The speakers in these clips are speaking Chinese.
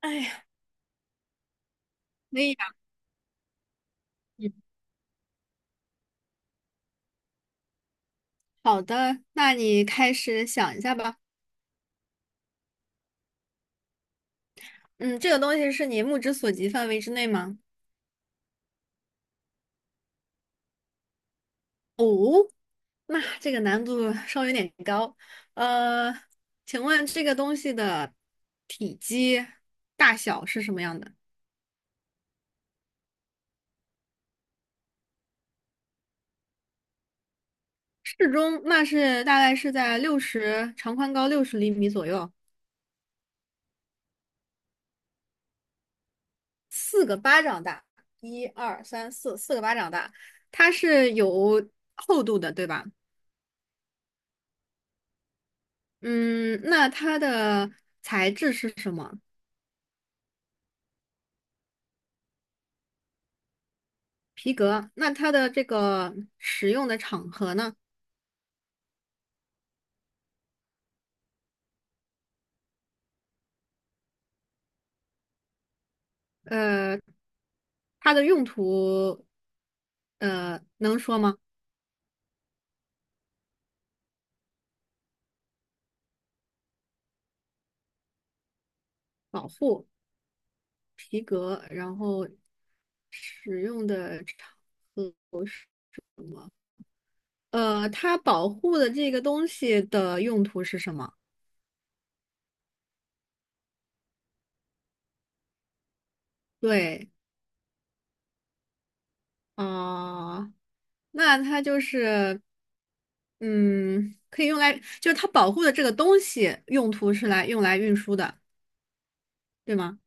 哎呀，可以呀，嗯，好的，那你开始想一下吧。嗯，这个东西是你目之所及范围之内吗？哦，那这个难度稍微有点高。呃，请问这个东西的体积大小是什么样的？适中，那是大概是在六十长宽高60厘米左右，四个巴掌大。一二三四，四个巴掌大。它是有厚度的，对吧？嗯，那它的材质是什么？皮革。那它的这个使用的场合呢？呃，它的用途，能说吗？保护皮革，然后使用的场合是什么？它保护的这个东西的用途是什么？对，啊、那它就是，嗯，可以用来，就是它保护的这个东西用途是来用来运输的，对吗？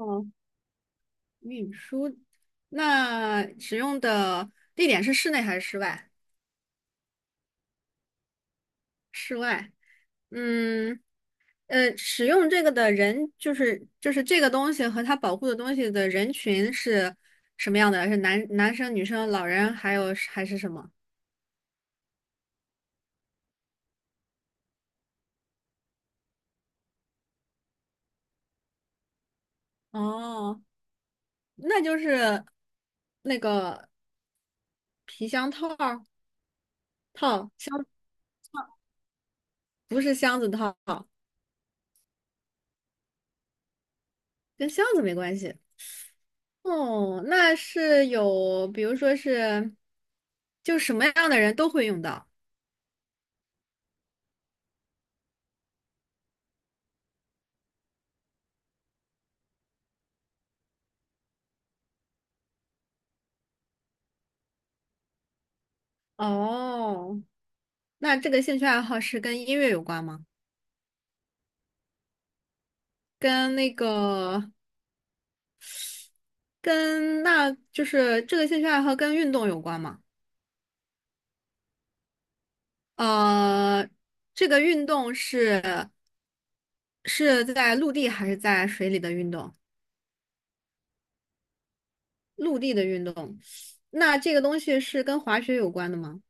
哦，运输，那使用的地点是室内还是室外？室外。嗯，使用这个的人就是这个东西和它保护的东西的人群是什么样的？是男生、女生、老人，还有还是什么？哦，那就是那个。皮箱套儿套箱，不是箱子套，跟箱子没关系。哦，那是有，比如说是，就什么样的人都会用到。哦，那这个兴趣爱好是跟音乐有关吗？跟那个，跟那就是这个兴趣爱好跟运动有关吗？呃，这个运动是在陆地还是在水里的运动？陆地的运动，那这个东西是跟滑雪有关的吗？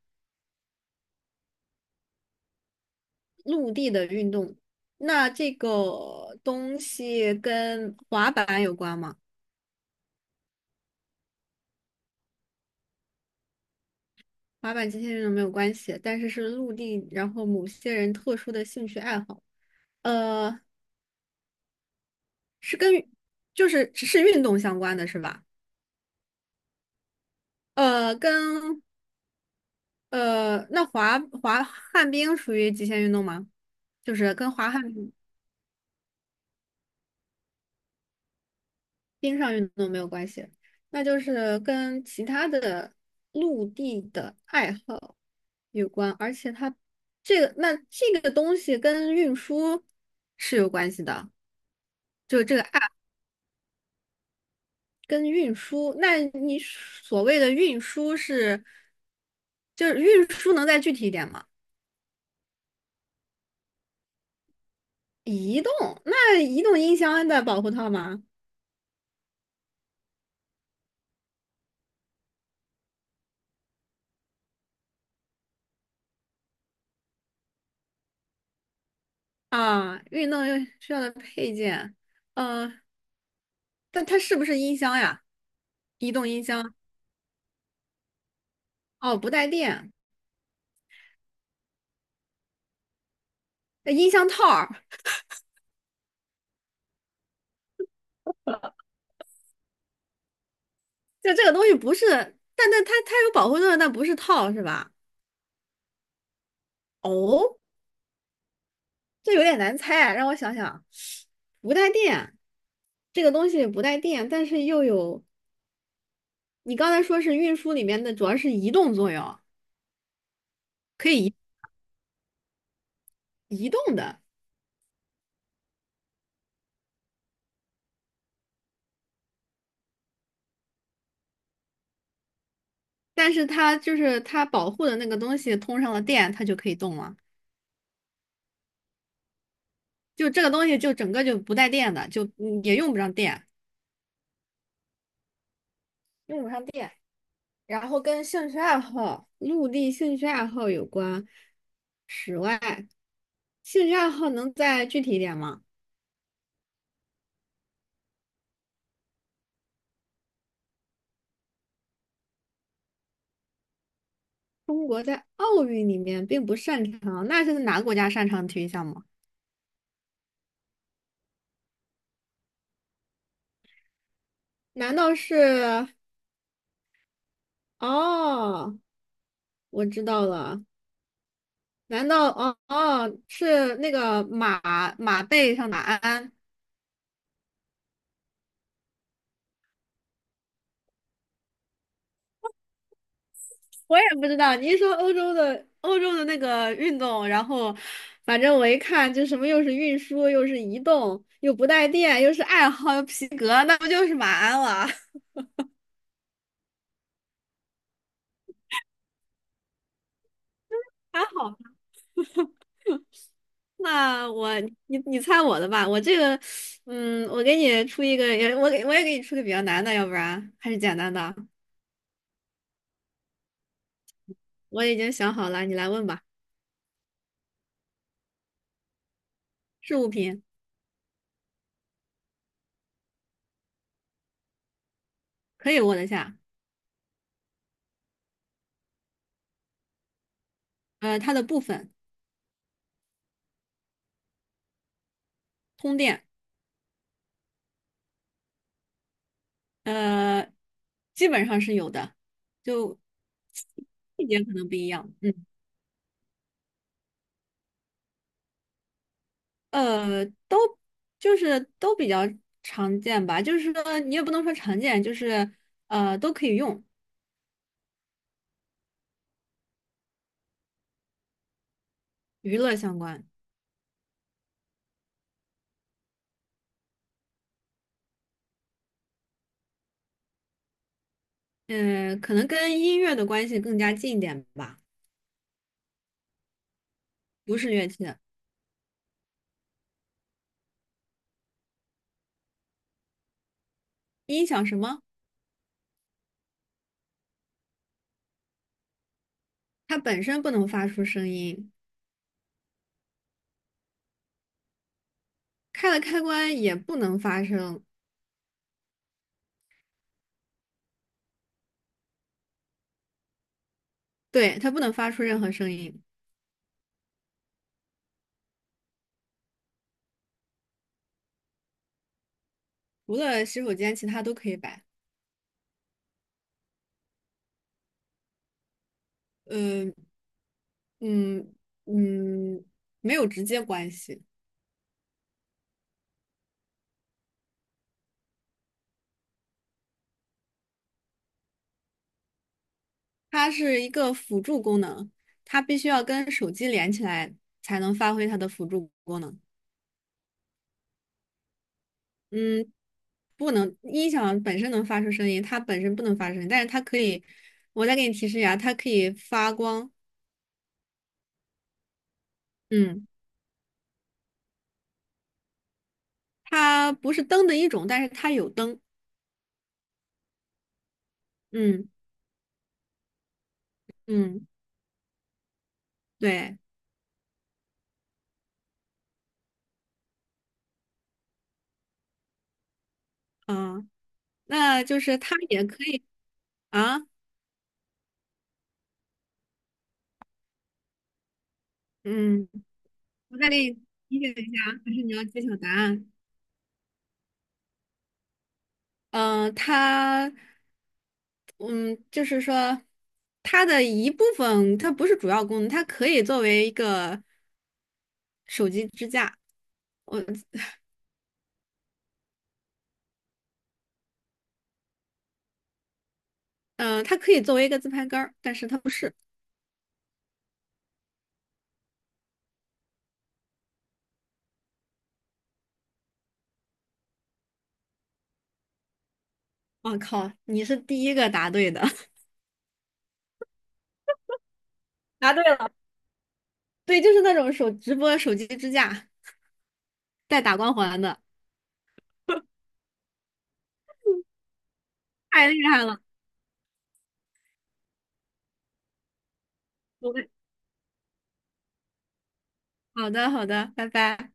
陆地的运动。那这个东西跟滑板有关吗？滑板极限运动没有关系，但是是陆地，然后某些人特殊的兴趣爱好。呃，是跟就是只是运动相关的是吧？跟那滑旱冰属于极限运动吗？就是跟滑旱。冰。冰上运动没有关系，那就是跟其他的陆地的爱好有关，而且它这个那这个东西跟运输是有关系的，就这个爱跟运输。那你所谓的运输是，就是运输能再具体一点吗？移动，那移动音箱的保护套吗？啊，运动又需要的配件，呃，但它是不是音箱呀？移动音箱？哦，不带电，那音箱套儿，就这个东西不是，但它有保护作用，但不是套是吧？哦，这有点难猜啊让我想想，不带电，这个东西不带电，但是又有，你刚才说是运输里面的，主要是移动作用，可以移动的，但是它就是它保护的那个东西通上了电，它就可以动了，就这个东西就整个就不带电的，就也用不上电。然后跟兴趣爱好、陆地兴趣爱好有关。室外兴趣爱好能再具体一点吗？中国在奥运里面并不擅长，那是哪个国家擅长体育项目？难道是？哦，我知道了。难道哦哦是那个马背上马鞍？我也不知道，你一说欧洲的那个运动，然后反正我一看，就什么又是运输，又是移动，又不带电，又是爱好，又皮革，那不就是马鞍了？还好吧那我你猜我的吧，我这个，我给你出一个，也我给我也给你出个比较难的，要不然还是简单的。我已经想好了，你来问吧。是物品，可以握得下，它的部分，通电，呃，基本上是有的，就细节可能不一样。嗯。都就是都比较常见吧，就是说你也不能说常见，就是都可以用，娱乐相关，嗯、可能跟音乐的关系更加近一点吧，不是乐器，音响什么，它本身不能发出声音，开了开关也不能发声，对，它不能发出任何声音，除了洗手间，其他都可以摆，呃，嗯嗯，没有直接关系。它是一个辅助功能，它必须要跟手机连起来才能发挥它的辅助功能。嗯，不能，音响本身能发出声音，它本身不能发出声音，但是它可以，我再给你提示一下，它可以发光。嗯，它不是灯的一种，但是它有灯。嗯嗯，对，啊，那就是它也可以啊。嗯，我再给你提醒一下啊，还是你要揭晓答案？嗯、它。嗯，就是说，它的一部分，它不是主要功能，它可以作为一个手机支架，我，它可以作为一个自拍杆儿，但是它不是。我靠，你是第一个答对的，答对了，对，就是那种手直播手机支架带打光环的，太厉害了。我好的，好的，拜拜。